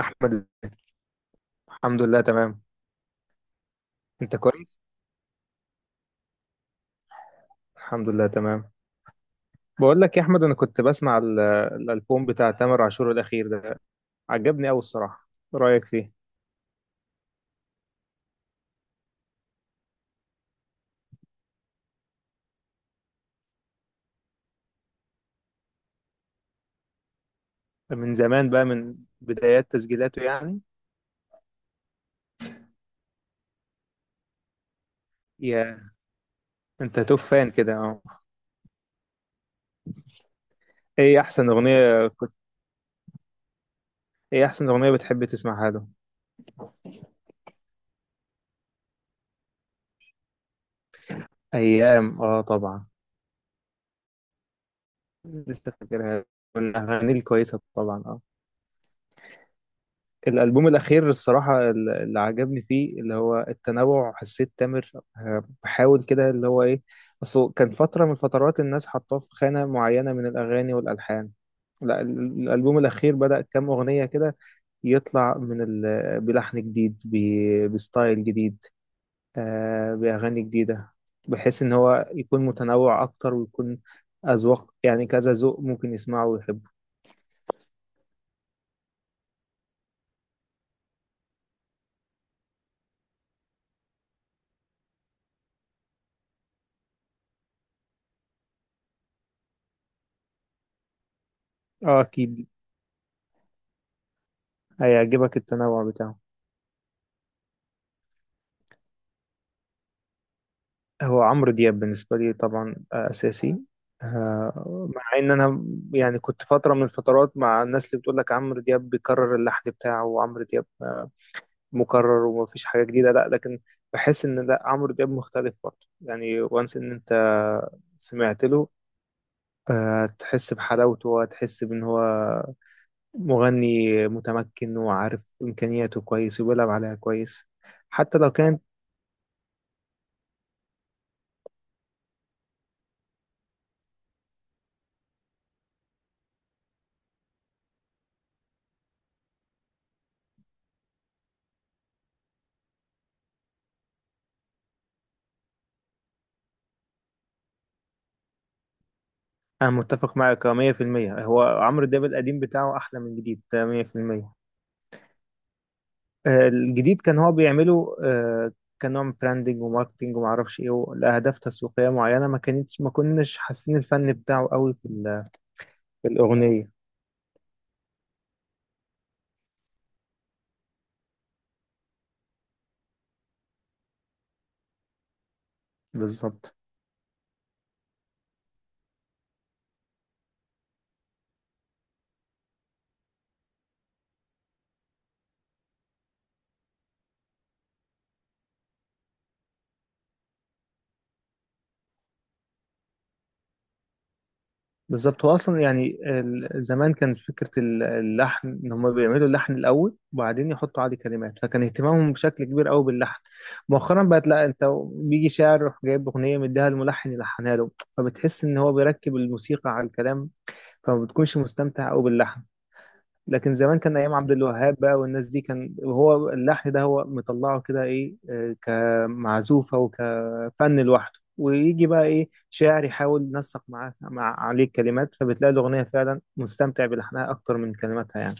احمد، الحمد لله تمام. انت كويس؟ الحمد لله تمام. بقول لك يا احمد، انا كنت بسمع الالبوم بتاع تامر عاشور الاخير ده. عجبني قوي الصراحه. إيه رايك فيه؟ من زمان بقى، من بدايات تسجيلاته يعني. يا انت توب فان كده اه؟ ايه احسن اغنيه؟ ايه احسن اغنيه بتحب تسمعها له؟ ايام اه طبعا. لسه فاكرها، والاغاني الكويسه طبعا اه. الألبوم الأخير الصراحة اللي عجبني فيه اللي هو التنوع. حسيت تامر بحاول كده اللي هو إيه. أصله كان فترة من الفترات الناس حطاه في خانة معينة من الأغاني والألحان. لا، الألبوم الأخير بدأ كام أغنية كده يطلع من بلحن جديد، بستايل جديد، آه، بأغاني جديدة، بحيث إن هو يكون متنوع أكتر، ويكون أذواق يعني كذا ذوق ممكن يسمعه ويحبه. آه أكيد، هيعجبك التنوع بتاعه. هو عمرو دياب بالنسبة لي طبعا آه، أساسي. آه، مع إن أنا يعني كنت فترة من الفترات مع الناس اللي بتقول لك عمرو دياب بيكرر اللحن بتاعه، وعمرو دياب مكرر ومفيش حاجة جديدة. لا، لكن بحس إن لا، عمرو دياب مختلف برضه يعني، وانس إن أنت سمعت له، آه، تحس بحلاوته وتحس بإن هو مغني متمكن وعارف إمكانياته كويس، وبيلعب عليها كويس حتى لو كانت. أنا متفق معاك 100%. هو عمرو دياب القديم بتاعه أحلى من الجديد ده 100%. آه، الجديد كان هو بيعمله آه، كنوع من براندنج وماركتنج ومعرفش إيه، لأهداف تسويقية معينة. ما كانتش، ما كناش حاسين الفن بتاعه قوي في الأغنية. بالظبط. بالظبط، هو اصلا يعني زمان كان فكره اللحن ان هم بيعملوا اللحن الاول وبعدين يحطوا عليه كلمات، فكان اهتمامهم بشكل كبير قوي باللحن. مؤخرا بقت لا، انت بيجي شاعر يروح جايب اغنيه مديها الملحن يلحنها له، فبتحس ان هو بيركب الموسيقى على الكلام، فما بتكونش مستمتع قوي باللحن. لكن زمان كان ايام عبد الوهاب بقى والناس دي، كان هو اللحن ده هو مطلعه كده ايه آه، كمعزوفه وكفن لوحده، ويجي بقى ايه شاعر يحاول ينسق معاه، مع عليه الكلمات، فبتلاقي الاغنيه فعلا مستمتع بلحنها اكتر من كلماتها يعني.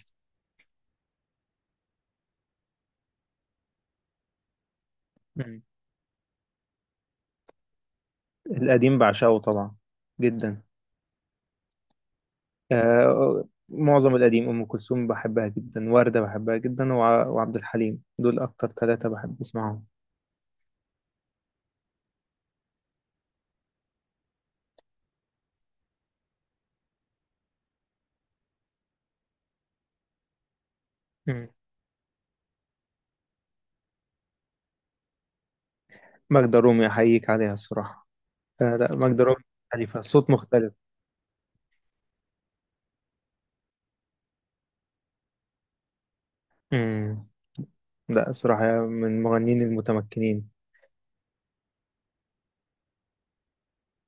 مم. القديم بعشقه طبعا جدا. آه معظم القديم، ام كلثوم بحبها جدا، ورده بحبها جدا، وعبد الحليم، دول اكتر ثلاثه بحب اسمعهم. مم. ماجدة رومي احييك عليها الصراحه. آه لا، ماجدة رومي مختلفة، صوت مختلف. امم. لا صراحة من المغنيين المتمكنين.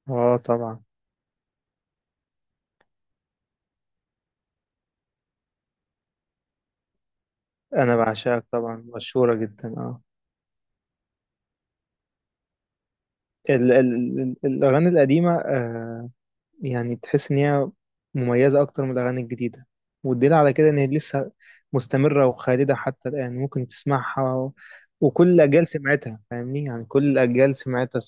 اه طبعا. انا بعشقك طبعا مشهورة جدا اه. ال ال ال الاغاني القديمة آه، يعني تحس ان هي مميزة اكتر من الاغاني الجديدة، والدليل على كده ان هي لسه مستمرة وخالدة حتى الان، ممكن تسمعها وكل الاجيال سمعتها، فاهمني يعني كل الاجيال سمعتها.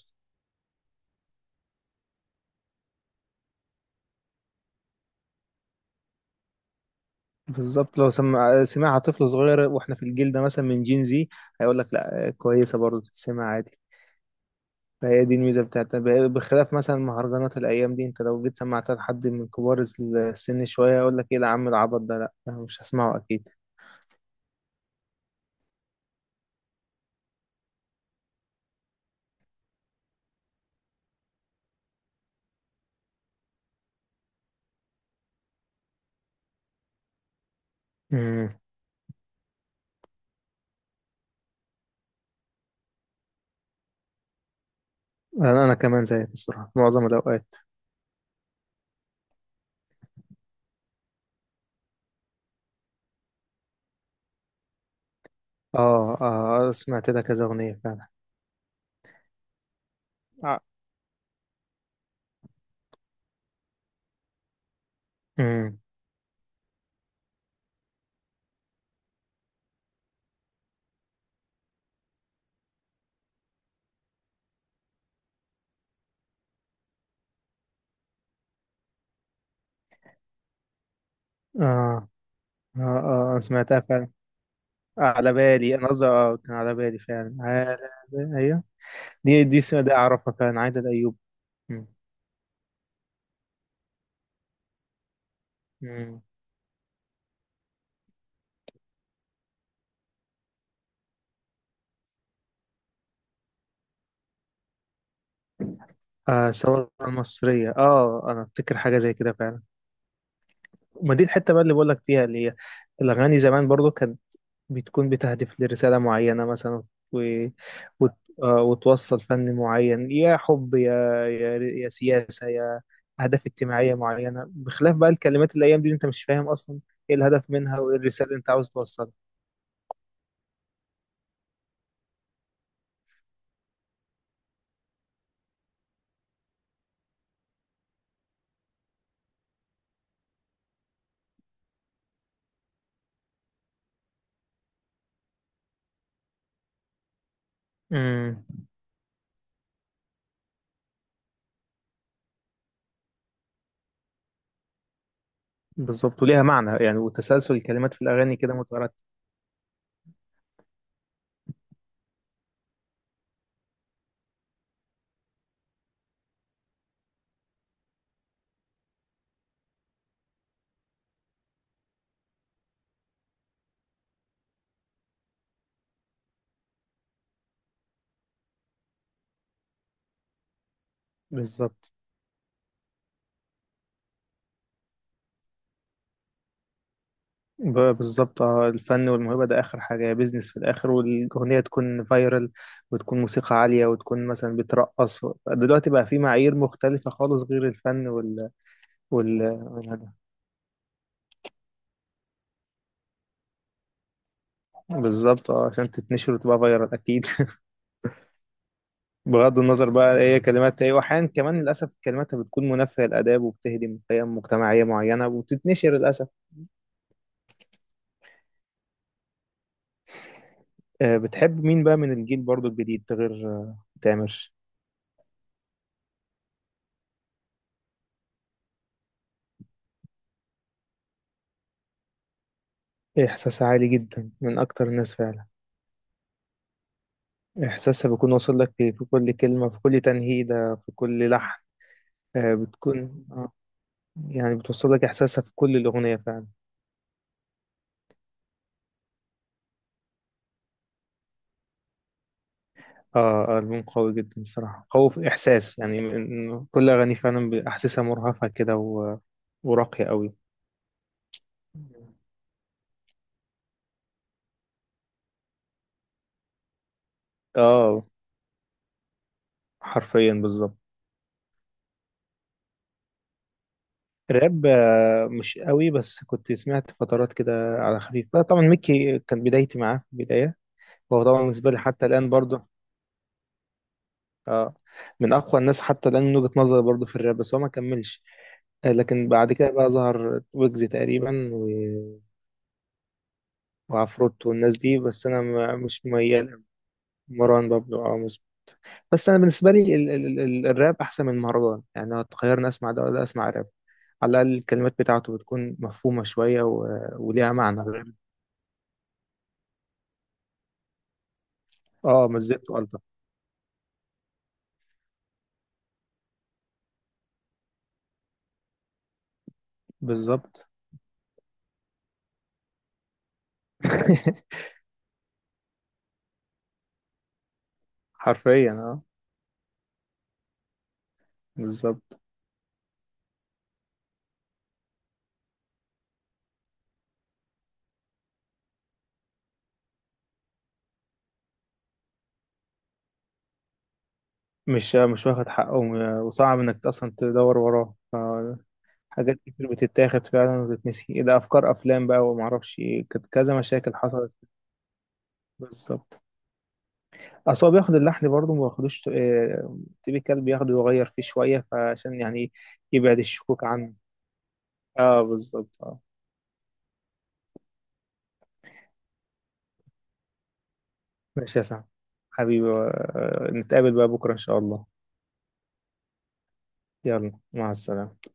بالظبط، لو سمعها طفل صغير واحنا في الجيل ده مثلا من جين زي، هيقول لك لا كويسه برضه تتسمع عادي. فهي دي الميزه بتاعتها، بخلاف مثلا مهرجانات الايام دي، انت لو جيت سمعتها لحد من كبار السن شويه هيقول لك ايه ده يا عم، العبط ده لا أنا مش هسمعه اكيد. امم. انا أنا كمان زيك الصراحه معظم الاوقات. اه اه سمعت لها كذا اغنيه فعلا. اه. امم. اه اه. اه سمعتها فعلا. على بالي، انا قصدي اه كان على بالي فعلا، على بالي ايوه. دي دي السنة دي أعرفها فعلا، عايدة الأيوب. مم. مم. آه ثورة المصرية اه، أنا أفتكر حاجة زي كده فعلا. ما دي الحتة بقى اللي بقول لك فيها اللي هي الأغاني زمان برضو كانت بتكون بتهدف لرسالة معينة مثلا و... وت... آه، وتوصل فن معين، يا حب، يا يا سياسة، يا أهداف اجتماعية معينة، بخلاف بقى الكلمات الأيام دي أنت مش فاهم أصلا إيه الهدف منها وإيه الرسالة اللي أنت عاوز توصلها. مم. بالظبط، وليها معنى يعني، وتسلسل الكلمات في الأغاني كده مترتب. بالظبط. بالظبط اه، الفن والموهبة ده آخر حاجة، بيزنس في الآخر، والأغنية تكون فايرال، وتكون موسيقى عالية، وتكون مثلا بترقص. دلوقتي بقى في معايير مختلفة خالص غير الفن والهدف. بالظبط اه، عشان تتنشر وتبقى فايرال أكيد بغض النظر بقى ايه كلمات ايه، وأحيانا كمان للأسف كلماتها بتكون منافية للآداب، وبتهدم قيم مجتمعية معينة وبتتنشر للأسف. آه، بتحب مين بقى من الجيل برضو الجديد غير آه، تامر؟ إحساس عالي جدا، من أكتر الناس فعلا. إحساسها بيكون واصل لك في في كل كلمة، في كل تنهيدة، في كل لحن. آه، بتكون آه، يعني بتوصل لك إحساسها في كل الأغنية فعلا. آه. آه، ألبوم قوي جدا الصراحة، قوي في إحساس يعني، كل أغاني فعلا بأحساسها مرهفة كده و، وراقية قوي. آه حرفيا بالظبط. راب آه، مش قوي، بس كنت سمعت فترات كده على خفيف. لا طبعا، ميكي كان بدايتي معاه في البداية، وهو طبعا بالنسبة لي حتى الآن برضه اه من اقوى الناس حتى الان من وجهة نظري برضه في الراب، بس هو ما كملش. آه، لكن بعد كده بقى ظهر ويجز تقريبا وعفروت والناس دي، بس انا مش ميال. مروان بابلو او بس انا بالنسبه لي ال ال ال الراب احسن من المهرجان يعني، لو تخيرني اسمع ده ولا اسمع راب، على الاقل الكلمات بتاعته بتكون مفهومه شويه وليها معنى. اه مزجته الطف. بالظبط. حرفيا اه. بالظبط. مش واخد حقه وصعب انك اصلا تدور وراه. حاجات كتير بتتاخد فعلا وتتنسي، إيه ده افكار افلام بقى وما اعرفش إيه، كانت كذا مشاكل حصلت. بالظبط. اصل هو بياخد اللحن برضه ما بياخدوش آه، تيبيكال بياخده يغير فيه شويه فعشان يعني يبعد الشكوك عنه. اه بالظبط اه. ماشي يا سعد حبيبي، آه، نتقابل بقى بكره ان شاء الله. يلا مع السلامه.